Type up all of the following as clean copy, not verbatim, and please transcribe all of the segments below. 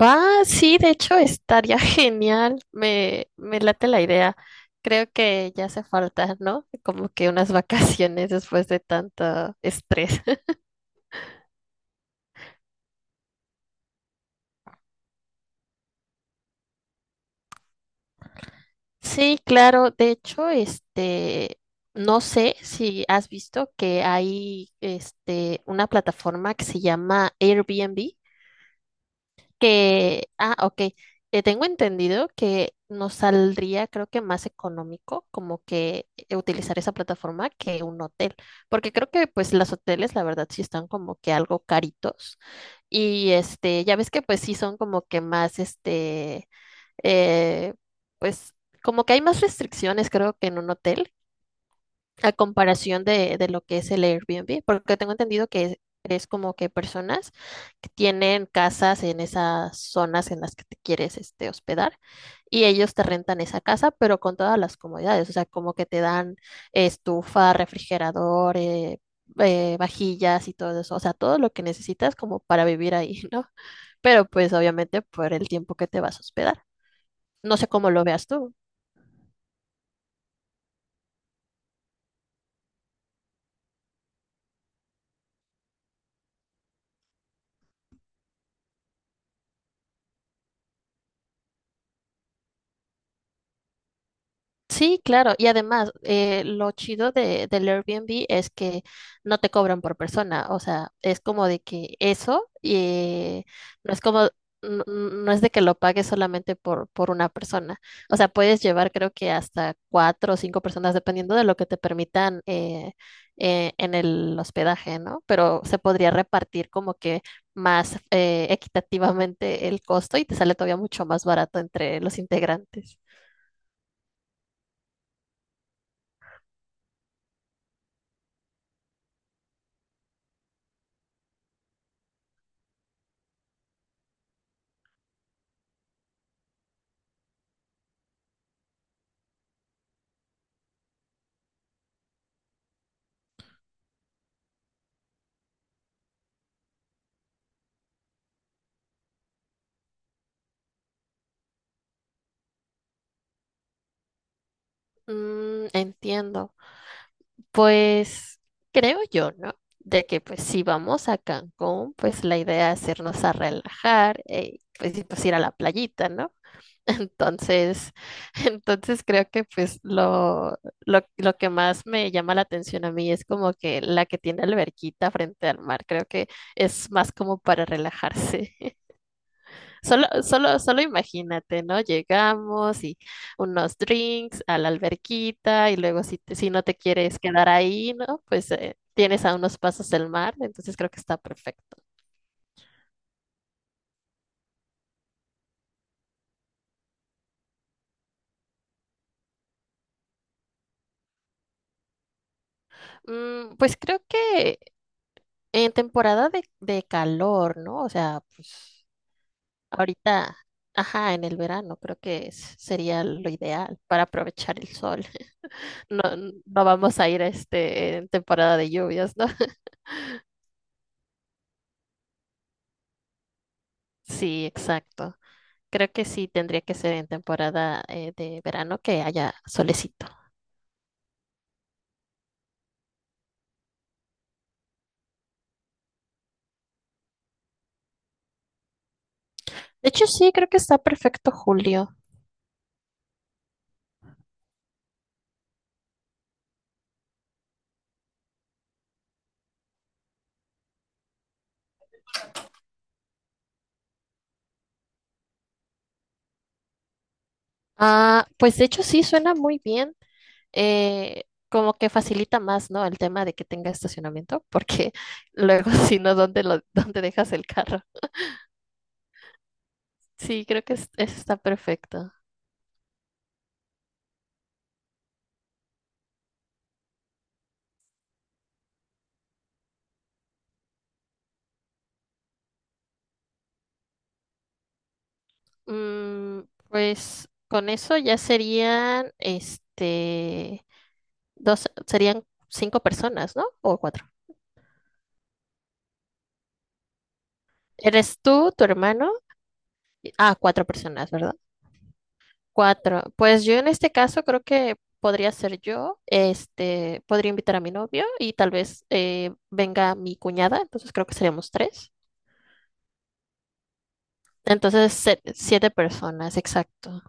Va, sí, de hecho estaría genial. Me late la idea. Creo que ya hace falta, ¿no? Como que unas vacaciones después de tanto estrés. Sí, claro. De hecho, no sé si has visto que hay, una plataforma que se llama Airbnb. Que, ah, ok. Tengo entendido que nos saldría, creo que más económico, como que utilizar esa plataforma que un hotel, porque creo que pues los hoteles, la verdad, sí están como que algo caritos. Y este, ya ves que pues sí son como que más, eh, pues como que hay más restricciones, creo que en un hotel a comparación de lo que es el Airbnb, porque tengo entendido que es como que personas que tienen casas en esas zonas en las que te quieres este, hospedar, y ellos te rentan esa casa, pero con todas las comodidades. O sea, como que te dan estufa, refrigerador, vajillas y todo eso. O sea, todo lo que necesitas como para vivir ahí, ¿no? Pero pues obviamente por el tiempo que te vas a hospedar. No sé cómo lo veas tú. Sí, claro. Y además, lo chido del Airbnb es que no te cobran por persona. O sea, es como de que eso, no es como, no es de que lo pagues solamente por una persona. O sea, puedes llevar creo que hasta cuatro o cinco personas, dependiendo de lo que te permitan en el hospedaje, ¿no? Pero se podría repartir como que más equitativamente el costo y te sale todavía mucho más barato entre los integrantes. Mm, entiendo. Pues creo yo, ¿no? De que pues si vamos a Cancún, pues la idea es irnos a relajar, pues, y, pues ir a la playita, ¿no? Entonces, entonces creo que pues lo que más me llama la atención a mí es como que la que tiene alberquita frente al mar. Creo que es más como para relajarse. Solo, solo, solo imagínate, ¿no? Llegamos y unos drinks a la alberquita, y luego si, si no te quieres quedar ahí, ¿no? Pues tienes a unos pasos del mar, entonces creo que está perfecto. Mm, pues creo que en temporada de calor, ¿no? O sea, pues ahorita, ajá, en el verano creo que sería lo ideal para aprovechar el sol. No, no vamos a ir este, en temporada de lluvias, ¿no? Sí, exacto. Creo que sí tendría que ser en temporada de verano que haya solecito. De hecho, sí, creo que está perfecto julio. Ah, pues de hecho sí, suena muy bien. Como que facilita más, ¿no? El tema de que tenga estacionamiento, porque luego si no, ¿dónde lo, dónde dejas el carro? Sí, creo que eso está perfecto. Mm, pues con eso ya serían, dos, serían cinco personas, ¿no? O cuatro. Eres tú, tu hermano. Ah, cuatro personas, ¿verdad? Cuatro. Pues yo en este caso creo que podría ser yo, este, podría invitar a mi novio, y tal vez venga mi cuñada, entonces creo que seríamos tres. Entonces, siete personas, exacto.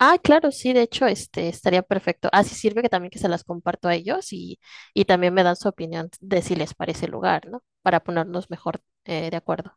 Ah, claro, sí, de hecho, este, estaría perfecto. Así sirve que también que se las comparto a ellos, y también me dan su opinión de si les parece el lugar, ¿no? Para ponernos mejor de acuerdo.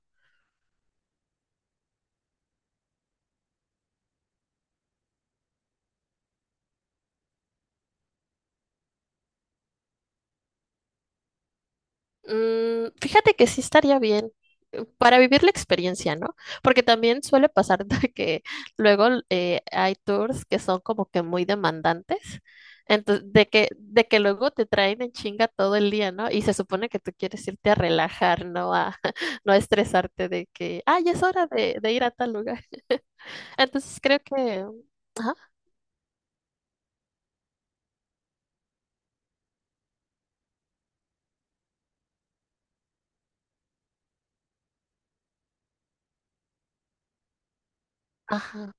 Mm, fíjate que sí estaría bien para vivir la experiencia, ¿no? Porque también suele pasar de que luego hay tours que son como que muy demandantes, entonces de que luego te traen en chinga todo el día, ¿no? Y se supone que tú quieres irte a relajar, no a no a estresarte de que, ah, ya es hora de ir a tal lugar. Entonces creo que, ajá, ajá.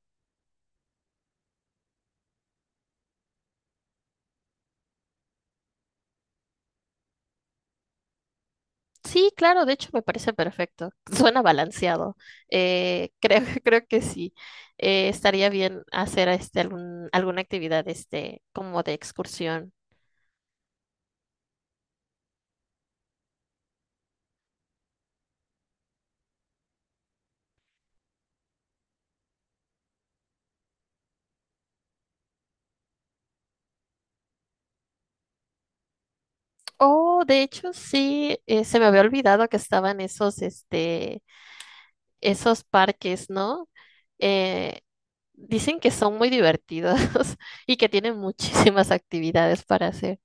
Sí, claro, de hecho me parece perfecto. Suena balanceado. Creo, creo que sí. Estaría bien hacer este alguna actividad este, como de excursión. Oh, de hecho, sí, se me había olvidado que estaban esos, esos parques, ¿no? Eh, Dicen que son muy divertidos y que tienen muchísimas actividades para hacer.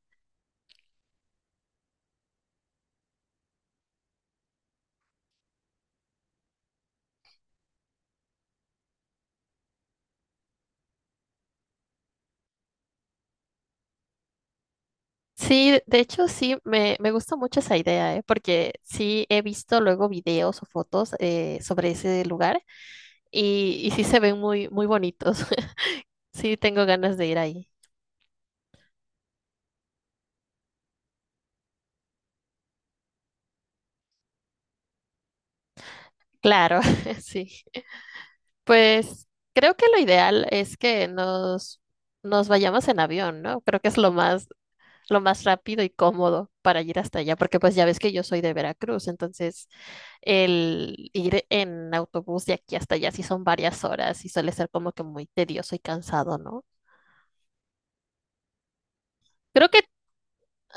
Sí, de hecho sí, me gusta mucho esa idea, ¿eh? Porque sí he visto luego videos o fotos sobre ese lugar, y sí se ven muy, muy bonitos. Sí, tengo ganas de ir ahí. Claro, sí. Pues creo que lo ideal es que nos vayamos en avión, ¿no? Creo que es lo más rápido y cómodo para ir hasta allá, porque pues ya ves que yo soy de Veracruz, entonces el ir en autobús de aquí hasta allá sí son varias horas y suele ser como que muy tedioso y cansado, ¿no? Creo que,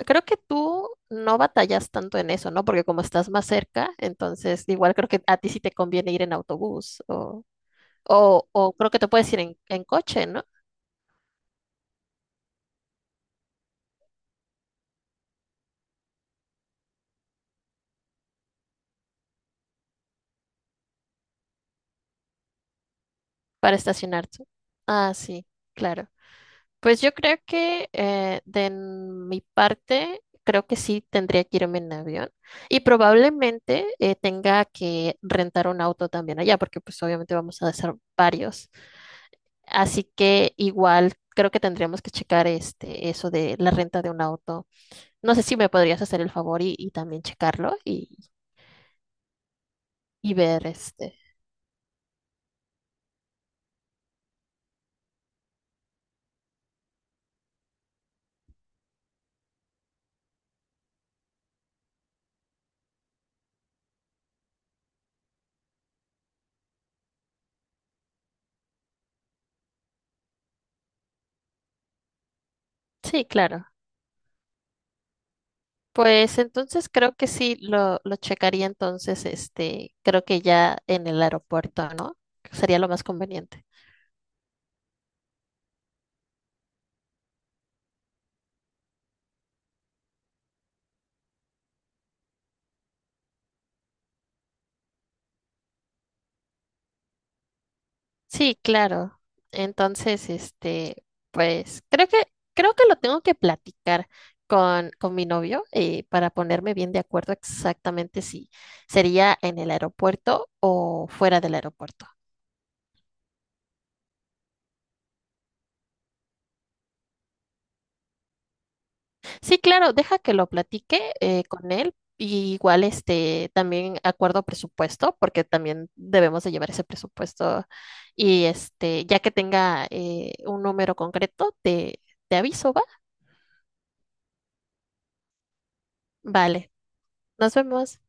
Creo que tú no batallas tanto en eso, ¿no? Porque como estás más cerca, entonces igual creo que a ti sí te conviene ir en autobús o creo que te puedes ir en coche, ¿no? Para estacionarte. Ah, sí, claro. Pues yo creo que de mi parte, creo que sí tendría que irme en avión y probablemente tenga que rentar un auto también allá, porque pues obviamente vamos a hacer varios. Así que igual creo que tendríamos que checar este, eso de la renta de un auto. No sé si me podrías hacer el favor y también checarlo y ver este. Sí, claro. Pues entonces creo que sí lo checaría entonces, este, creo que ya en el aeropuerto, ¿no? Sería lo más conveniente. Sí, claro. Entonces, este, pues creo que lo tengo que platicar con mi novio para ponerme bien de acuerdo exactamente si sería en el aeropuerto o fuera del aeropuerto. Sí, claro, deja que lo platique con él. Y igual, este, también acuerdo presupuesto, porque también debemos de llevar ese presupuesto. Y este, ya que tenga un número concreto, te aviso, ¿va? Vale, nos vemos.